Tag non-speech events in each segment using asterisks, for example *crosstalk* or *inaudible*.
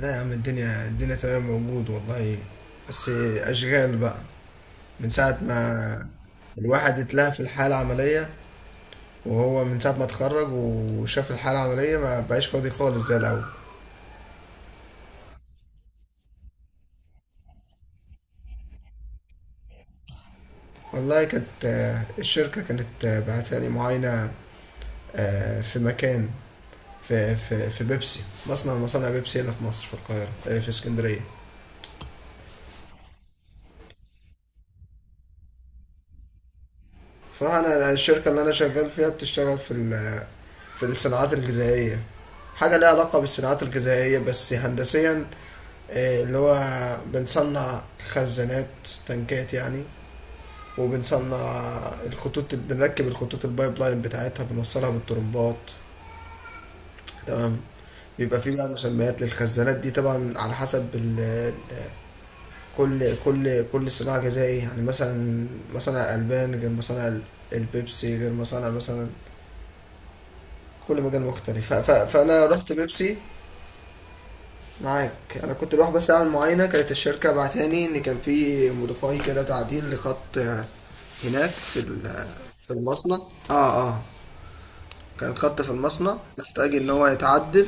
لا يا عم، الدنيا تمام، موجود والله. بس أشغال بقى. من ساعة ما الواحد اتلهى في الحالة العملية، وهو من ساعة ما اتخرج وشاف الحالة العملية ما بقاش فاضي خالص زي الأول. والله كانت الشركة كانت بعتالي معاينة في مكان، في بيبسي. مصنع من مصانع بيبسي هنا في مصر، في القاهرة، في اسكندرية. بصراحة، أنا الشركة اللي أنا شغال فيها بتشتغل في الصناعات الغذائية. حاجة ليها علاقة بالصناعات الغذائية بس هندسيا. اللي هو بنصنع خزانات، تنكات يعني. وبنصنع الخطوط، بنركب الخطوط البايب لاين بتاعتها، بنوصلها بالطرمبات. تمام. بيبقى فيه بقى مسميات للخزانات دي، طبعا على حسب كل صناعة غذائية. يعني مثلا مصانع الألبان غير مصانع البيبسي، غير مصانع مثلا، كل مجال مختلف. فانا رحت بيبسي. معاك. انا كنت بروح بس اعمل معاينه. كانت الشركه بعتاني ان كان في موديفاي كده، تعديل لخط هناك في المصنع. اه اه كان خط في المصنع محتاج ان هو يتعدل.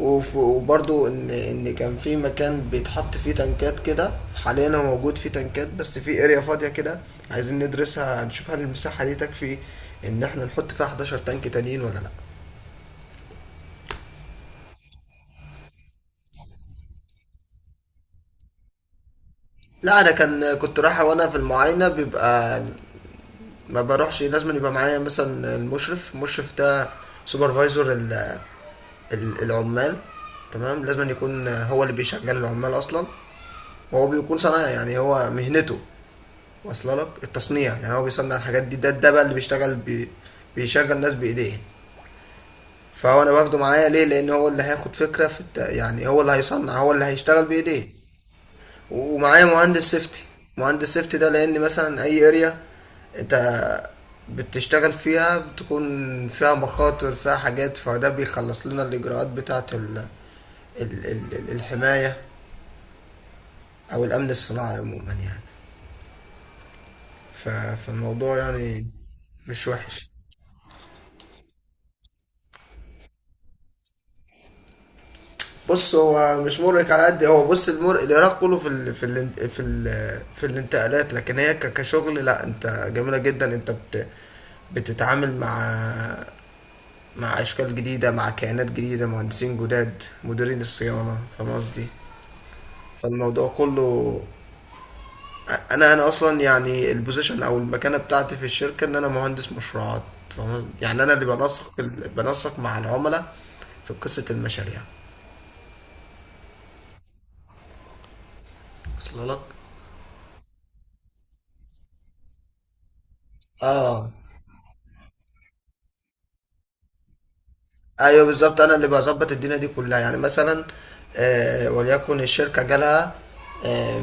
وبرضو ان كان في مكان بيتحط فيه تنكات كده. حاليا هو موجود فيه تنكات بس في اريا فاضيه كده. عايزين ندرسها، نشوف هل المساحه دي تكفي ان احنا نحط فيها 11 تانك تانيين ولا لا. لا، انا كنت رايح وانا في المعاينه، بيبقى ما بروحش. لازم يبقى معايا مثلا المشرف ده سوبرفايزر العمال، تمام. لازم يكون هو اللي بيشغل العمال اصلا. وهو بيكون صنايعي، يعني هو مهنته واصله لك التصنيع. يعني هو بيصنع الحاجات دي. ده بقى اللي بيشتغل بيشغل ناس بايديه. فهو انا باخده معايا ليه؟ لان هو اللي هياخد فكره في يعني هو اللي هيصنع، هو اللي هيشتغل بايديه. ومعايا مهندس سيفتي ده، لان مثلا اي اريا انت بتشتغل فيها بتكون فيها مخاطر، فيها حاجات، فده بيخلص لنا الاجراءات بتاعه الحماية، او الامن الصناعي عموما يعني. ف... فالموضوع يعني مش وحش. بص، هو مش مرهق على قد هو. بص، المر العراق كله في الانتقالات، لكن هي كشغل لا. انت جميلة جدا، انت بتتعامل مع أشكال جديدة، مع كيانات جديدة، مهندسين جداد، مديرين الصيانة. فاهم قصدي؟ فالموضوع كله. أنا أصلا يعني البوزيشن أو المكانة بتاعتي في الشركة إن أنا مهندس مشروعات. فاهم؟ يعني أنا اللي بنسق مع العملاء في قصة المشاريع. وصل لك؟ اه ايوه بالظبط، انا اللي بظبط الدنيا دي كلها. يعني مثلا وليكن الشركه جالها، آه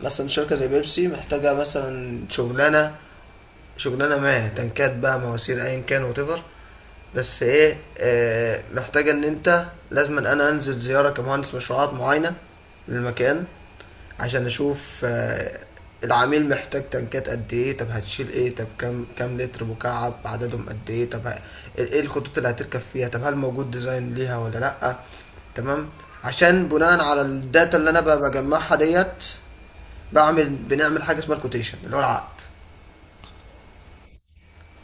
مثلا شركه زي بيبسي محتاجه مثلا شغلانه ما، تنكات بقى، مواسير، ايا كان وتفر. بس ايه، محتاجه ان انت لازم أن انا انزل زياره كمهندس مشروعات معينه للمكان، عشان اشوف العميل محتاج تنكات قد ايه، طب هتشيل ايه، طب كام لتر مكعب، عددهم قد ايه، طب ايه الخطوط اللي هتركب فيها، طب هل موجود ديزاين ليها ولا لا. تمام. عشان بناء على الداتا اللي انا بجمعها ديت، بنعمل حاجه اسمها الكوتيشن، اللي هو العقد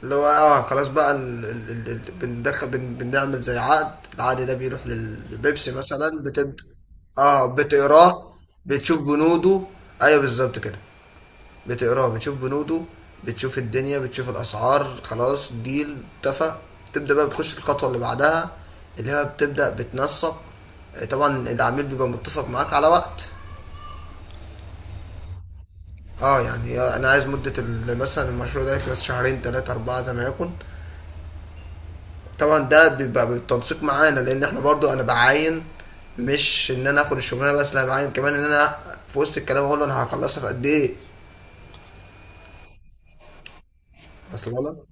اللي هو خلاص بقى بندخل بنعمل زي العقد ده بيروح للبيبسي مثلا، بتبدأ. اه بتقراه بتشوف بنوده. ايوه بالظبط كده، بتقراه بتشوف بنوده، بتشوف الدنيا، بتشوف الاسعار. خلاص، ديل اتفق. تبدأ بقى بتخش الخطوة اللي بعدها، اللي هي بتبدأ بتنسق. طبعا العميل بيبقى متفق معاك على وقت. اه يعني انا عايز مدة مثلا المشروع ده يخلص شهرين، تلاتة، اربعة، زي ما يكون. طبعا ده بيبقى بالتنسيق معانا. لان احنا برضو انا بعاين، مش ان انا اخد الشغلانه بس، لا، بعاين كمان ان انا في وسط الكلام اقول له انا هخلصها في قد ايه. اصلا لك.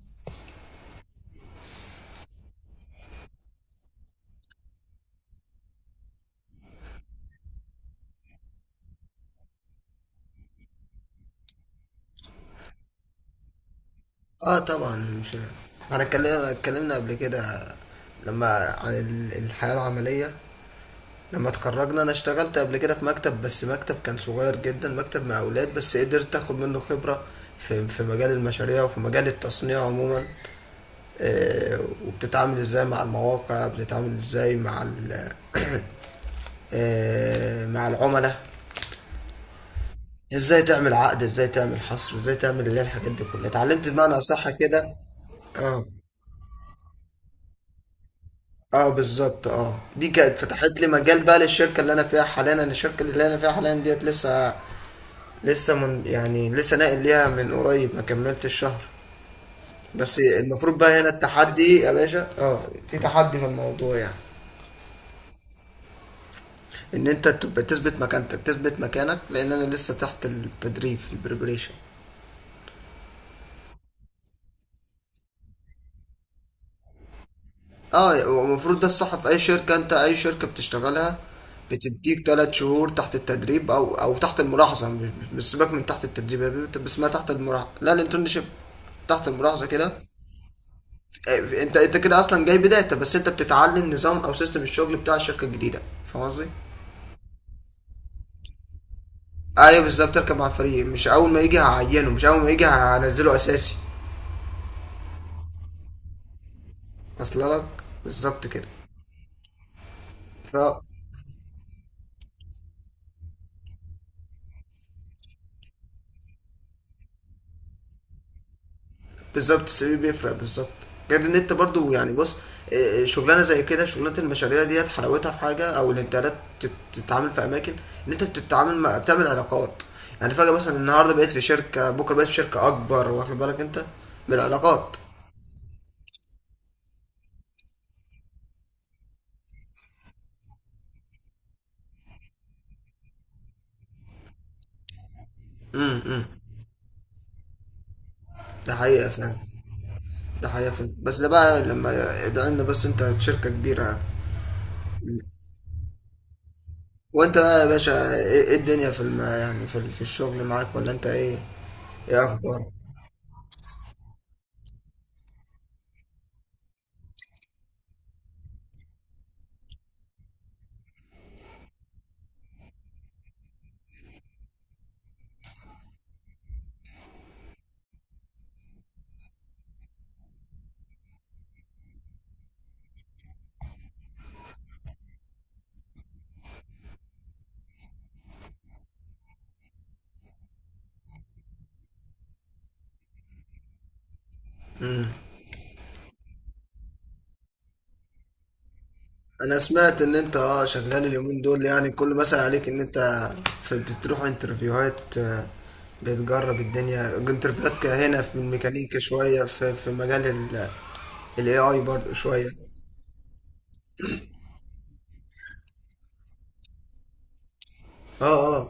اه طبعا مش. انا اتكلمنا قبل كده، لما عن الحياه العمليه. لما اتخرجنا انا اشتغلت قبل كده في مكتب، بس مكتب كان صغير جدا، مكتب مع اولاد، بس قدرت اخد منه خبره في مجال المشاريع وفي مجال التصنيع عموما. آه، وبتتعامل ازاي مع المواقع، بتتعامل ازاي مع مع العملاء، ازاي تعمل عقد، ازاي تعمل حصر، ازاي تعمل اللي هي الحاجات دي كلها. اتعلمت بمعنى اصح كده. اه اه بالظبط. اه دي كانت فتحت لي مجال بقى للشركه اللي انا فيها حاليا. انا الشركه اللي انا فيها حاليا ديت لسه، لسه من يعني لسه ناقل ليها من قريب، ما كملتش الشهر. بس المفروض بقى هنا التحدي يا باشا. اه في تحدي في الموضوع يعني، ان انت تبقى تثبت مكانتك، تثبت مكانك، لان انا لسه تحت التدريب، البريبريشن. اه المفروض ده الصح. في اي شركة انت، اي شركة بتشتغلها بتديك 3 شهور تحت التدريب، او تحت الملاحظة. مش سيبك من تحت التدريب يا بيبي، بس ما تحت الملاحظة، لا الانترنشيب، تحت الملاحظة كده. انت كده اصلا جاي بداية، بس انت بتتعلم نظام او سيستم الشغل بتاع الشركة الجديدة. فاهم قصدي؟ ايوه بالظبط، تركب مع الفريق، مش اول ما يجي هعينه، مش اول ما يجي هنزله اساسي. اصل لك. بالظبط كده. بالظبط، السي في بيفرق، بالظبط. غير ان انت برضو يعني، بص شغلانه زي كده، شغلانه المشاريع ديت حلاوتها في حاجه او الانترنت. تتعامل في اماكن، ان انت بتتعامل مع، بتعمل علاقات. يعني فجاه مثلا النهارده بقيت في شركه، بكره بقيت في شركه اكبر. واخد بالك انت بالعلاقات. ده حقيقه فعلا، ده حقيقه فعلا، بس ده بقى لما ده ان بس انت شركه كبيره يعني. وانت بقى يا باشا ايه، الدنيا في يعني، في الشغل معاك ولا انت ايه؟ ايه اخبارك؟ انا سمعت ان انت شغال اليومين دول. يعني كل مثلا عليك ان انت في بتروح انترفيوهات. بتجرب الدنيا، انترفيوهات هنا في الميكانيكا شوية، في في مجال الاي اي برضه شوية. اه اه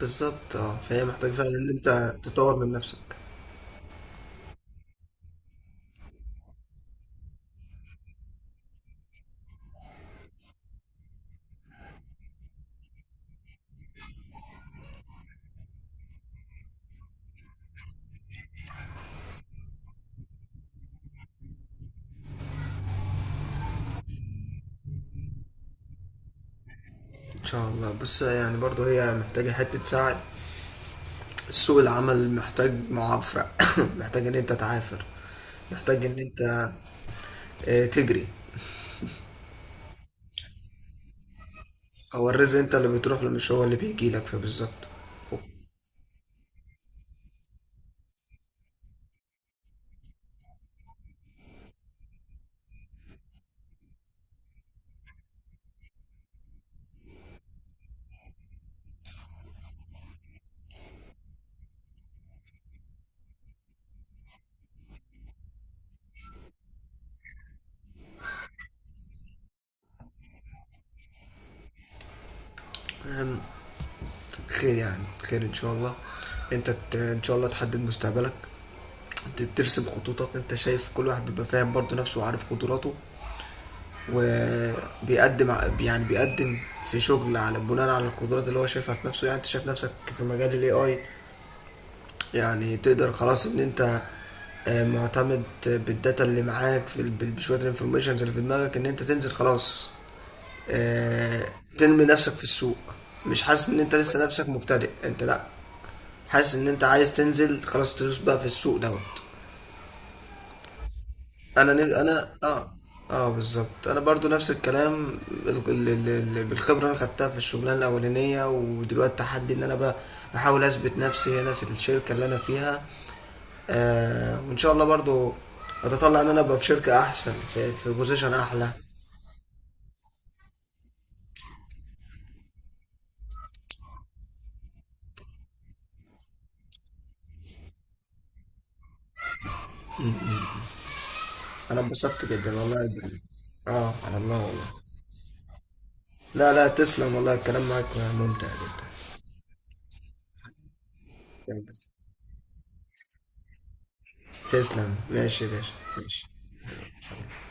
بالظبط. اه فهي محتاجة فعلا ان انت تطور من نفسك. ان شاء الله، بس يعني برضه هي محتاجة حتة سعي. سوق العمل محتاج معافرة *coughs* محتاج ان انت تعافر، محتاج ان انت تجري. هو الرزق انت اللي بتروح له، مش هو اللي بيجي لك، فبالظبط. وبت- خير يعني، خير ان شاء الله. انت ان شاء الله تحدد مستقبلك، ترسم خطوطك. انت شايف كل واحد بيبقى فاهم برضه نفسه وعارف قدراته، يعني بيقدم في شغل على بناء على القدرات اللي هو شايفها في نفسه. يعني انت شايف نفسك في مجال الاي اي، يعني تقدر خلاص ان انت معتمد بالداتا اللي معاك بشويه الانفورميشنز اللي في دماغك، ان انت تنزل خلاص آه، تنمي نفسك في السوق. مش حاسس ان انت لسه نفسك مبتدئ، انت لا، حاسس ان انت عايز تنزل خلاص، تدوس بقى في السوق دوت. انا نل... انا اه اه بالظبط. انا برضو نفس الكلام، بالخبره اللي انا خدتها في الشغلانه الاولانيه، ودلوقتي تحدي ان انا بقى بحاول اثبت نفسي هنا في الشركه اللي انا فيها. وان شاء الله برضو، اتطلع ان انا ابقى في شركه احسن، في بوزيشن احلى. انا اتبسطت جدا والله. اه على الله والله. لا، لا، تسلم والله، الكلام معك ممتع جدا. يلا، تسلم. ماشي يا باشا، ماشي، سلام.